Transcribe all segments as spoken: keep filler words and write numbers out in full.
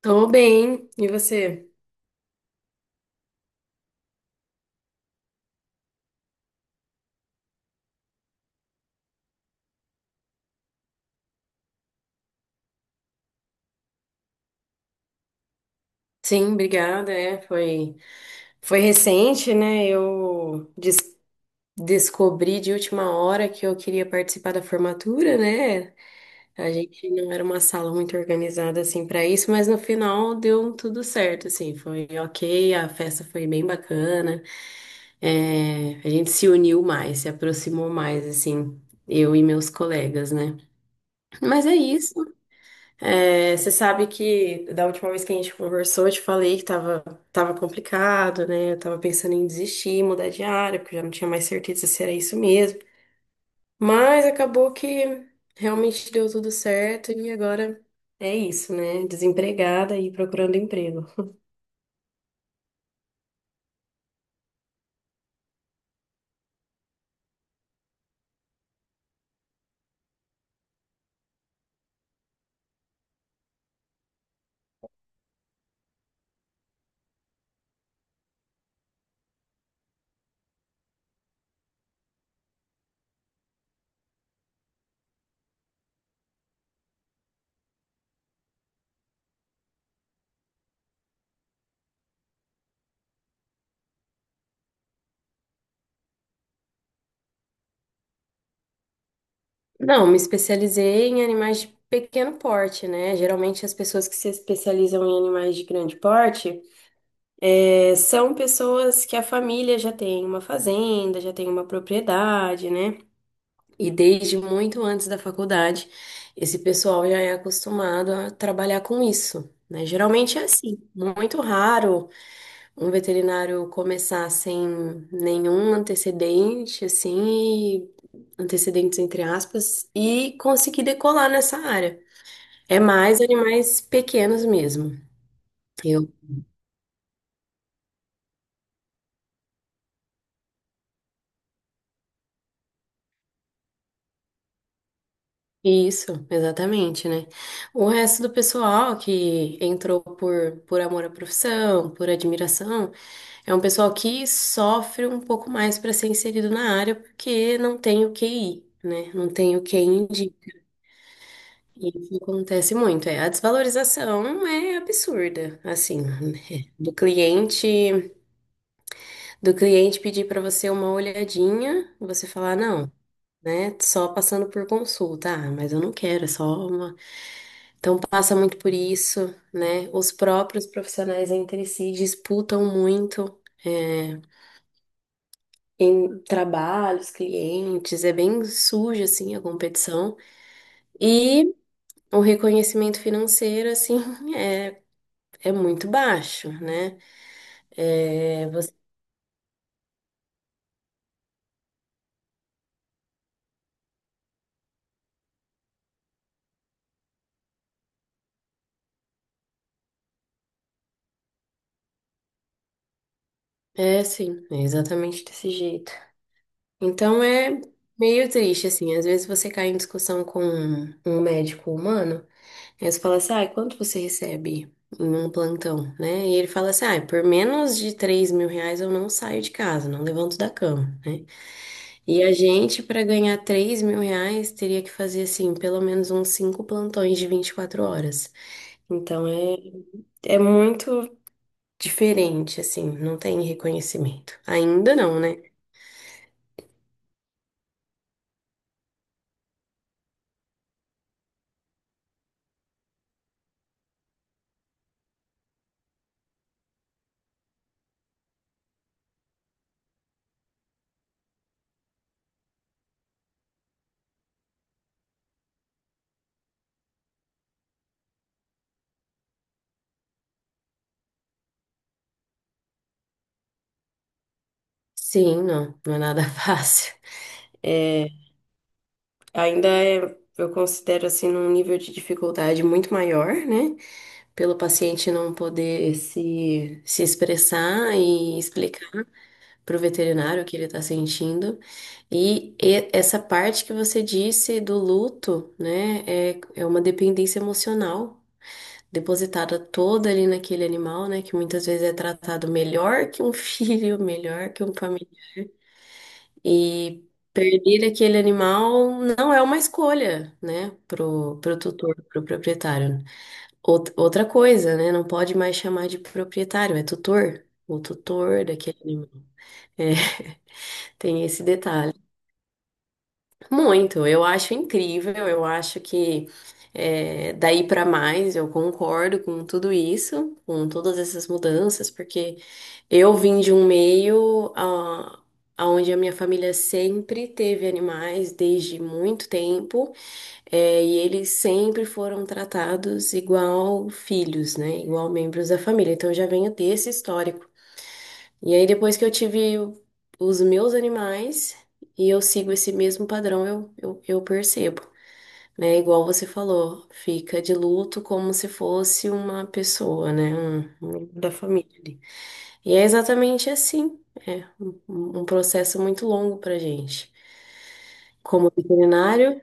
Tô bem, e você? Sim, obrigada. É, foi, foi recente, né? Eu des- descobri de última hora que eu queria participar da formatura, né? A gente não era uma sala muito organizada assim para isso, mas no final deu tudo certo, assim, foi ok, a festa foi bem bacana. É, a gente se uniu mais, se aproximou mais, assim, eu e meus colegas, né? Mas é isso. É, você sabe que da última vez que a gente conversou, eu te falei que tava, tava complicado, né? Eu tava pensando em desistir, mudar de área, porque eu já não tinha mais certeza se era isso mesmo. Mas acabou que realmente deu tudo certo e agora é isso, né? Desempregada e procurando emprego. Não, me especializei em animais de pequeno porte, né? Geralmente as pessoas que se especializam em animais de grande porte é, são pessoas que a família já tem uma fazenda, já tem uma propriedade, né? E desde muito antes da faculdade, esse pessoal já é acostumado a trabalhar com isso, né? Geralmente é assim, muito raro um veterinário começar sem nenhum antecedente, assim, e- antecedentes entre aspas, e conseguir decolar nessa área. É mais animais pequenos mesmo. Eu Isso, exatamente, né? O resto do pessoal que entrou por, por amor à profissão, por admiração, é um pessoal que sofre um pouco mais para ser inserido na área porque não tem o Q I, né? Não tem o Q I indica. E isso acontece muito. É, a desvalorização é absurda, assim, né? Do cliente, do cliente pedir para você uma olhadinha, você falar não, né? Só passando por consulta. Ah, mas eu não quero, é só uma. Então passa muito por isso, né? Os próprios profissionais entre si disputam muito. é, Em trabalhos, clientes, é bem suja assim a competição e o reconhecimento financeiro assim é, é muito baixo, né? É, você, É sim, é exatamente desse jeito. Então é meio triste assim, às vezes você cai em discussão com um médico humano, e aí você fala assim, ah, quanto você recebe? Em um plantão, né? E ele fala assim: ah, por menos de três mil reais eu não saio de casa, não levanto da cama, né? E a gente, para ganhar três mil reais, teria que fazer, assim, pelo menos uns cinco plantões de vinte e quatro horas. Então, é, É muito diferente, assim, não tem reconhecimento. Ainda não, né? Sim, não, não é nada fácil. É, ainda é, eu considero, assim, num nível de dificuldade muito maior, né? Pelo paciente não poder se, se expressar e explicar pro veterinário o que ele tá sentindo. E, e- essa parte que você disse do luto, né, é, é uma dependência emocional depositada toda ali naquele animal, né, que muitas vezes é tratado melhor que um filho, melhor que um família. E perder aquele animal não é uma escolha, né, pro, pro tutor, pro proprietário. Out- Outra coisa, né, não pode mais chamar de proprietário, é tutor. O tutor daquele animal. É, tem esse detalhe. Muito, eu acho incrível, eu acho que é, daí para mais eu concordo com tudo isso, com todas essas mudanças, porque eu vim de um meio ah, onde a minha família sempre teve animais desde muito tempo, é, e eles sempre foram tratados igual filhos, né? Igual membros da família. Então eu já venho desse histórico. E aí, depois que eu tive o- os meus animais e eu sigo esse mesmo padrão, eu, eu, eu percebo, né? Igual você falou, fica de luto como se fosse uma pessoa, né? Um, um membro da família ali. E é exatamente assim. É um, um processo muito longo pra gente. Como veterinário.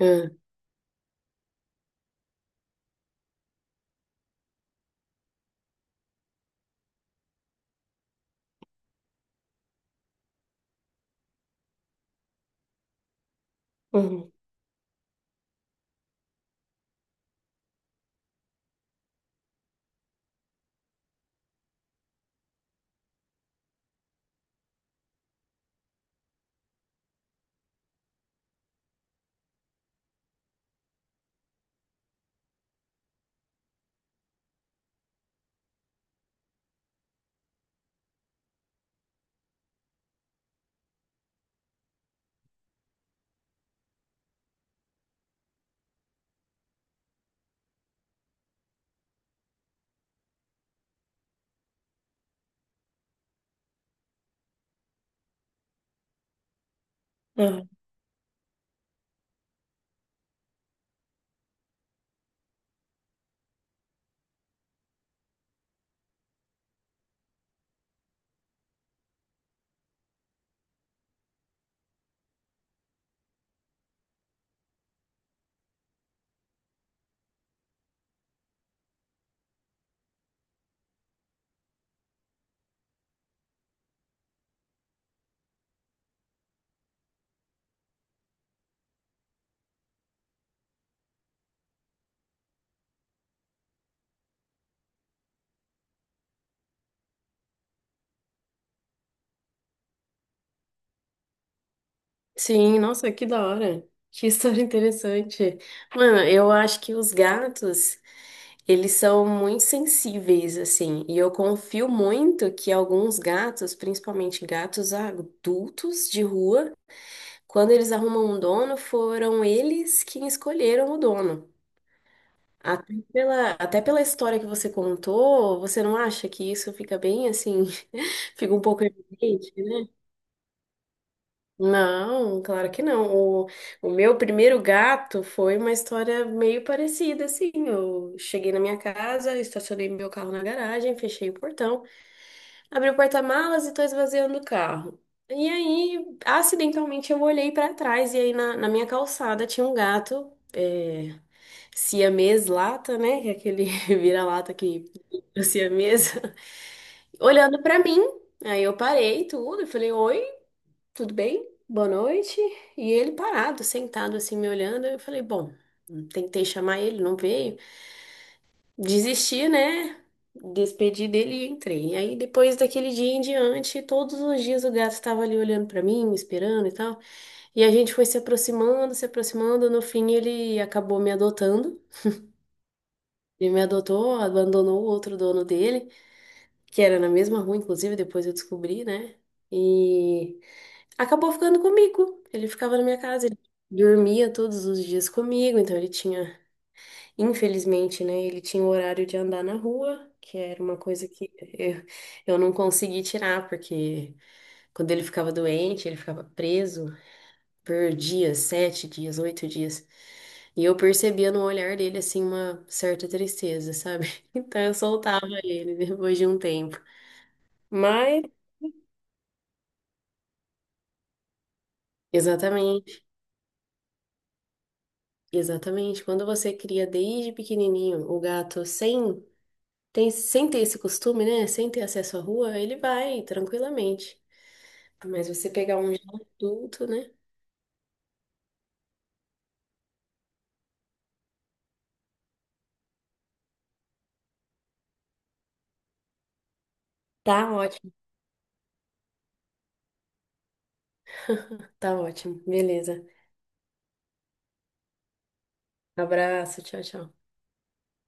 Ah, uhum, ah. Sim, nossa, que da hora. Que história interessante. Mano, eu acho que os gatos. Eles são muito sensíveis, assim, e eu confio muito que alguns gatos, principalmente gatos adultos de rua, quando eles arrumam um dono, foram eles quem escolheram o dono. Até pela, até pela história que você contou, você não acha que isso fica bem assim, fica um pouco evidente, né? Não, claro que não. O, o meu primeiro gato foi uma história meio parecida, assim. Eu cheguei na minha casa, estacionei meu carro na garagem, fechei o portão. Abri o porta-malas e tô esvaziando o carro. E aí, acidentalmente, eu olhei pra trás e aí na, na minha calçada tinha um gato, é, siamês lata, né? Que é aquele vira-lata que o siamês, olhando pra mim. Aí eu parei tudo e falei, oi, tudo bem? Boa noite. E ele parado, sentado assim, me olhando. Eu falei, bom, tentei chamar ele, não veio. Desisti, né? Despedi dele e entrei. E aí, depois daquele dia em diante, todos os dias o gato estava ali olhando para mim, me esperando e tal. E a gente foi se aproximando, se aproximando. No fim, ele acabou me adotando. Ele me adotou, abandonou o outro dono dele, que era na mesma rua, inclusive, depois eu descobri, né? E acabou ficando comigo. Ele ficava na minha casa, ele dormia todos os dias comigo, então ele tinha infelizmente, né? Ele tinha o horário de andar na rua, que era uma coisa que eu, eu não consegui tirar, porque quando ele ficava doente, ele ficava preso por dias, sete dias, oito dias. E eu percebia no olhar dele, assim, uma certa tristeza, sabe? Então eu soltava ele depois de um tempo. Mas, exatamente, exatamente. Quando você cria desde pequenininho o gato sem, tem, sem ter esse costume, né? Sem ter acesso à rua, ele vai tranquilamente. Mas você pegar um já adulto, né? Tá ótimo, tá ótimo. Beleza. Abraço, tchau, tchau.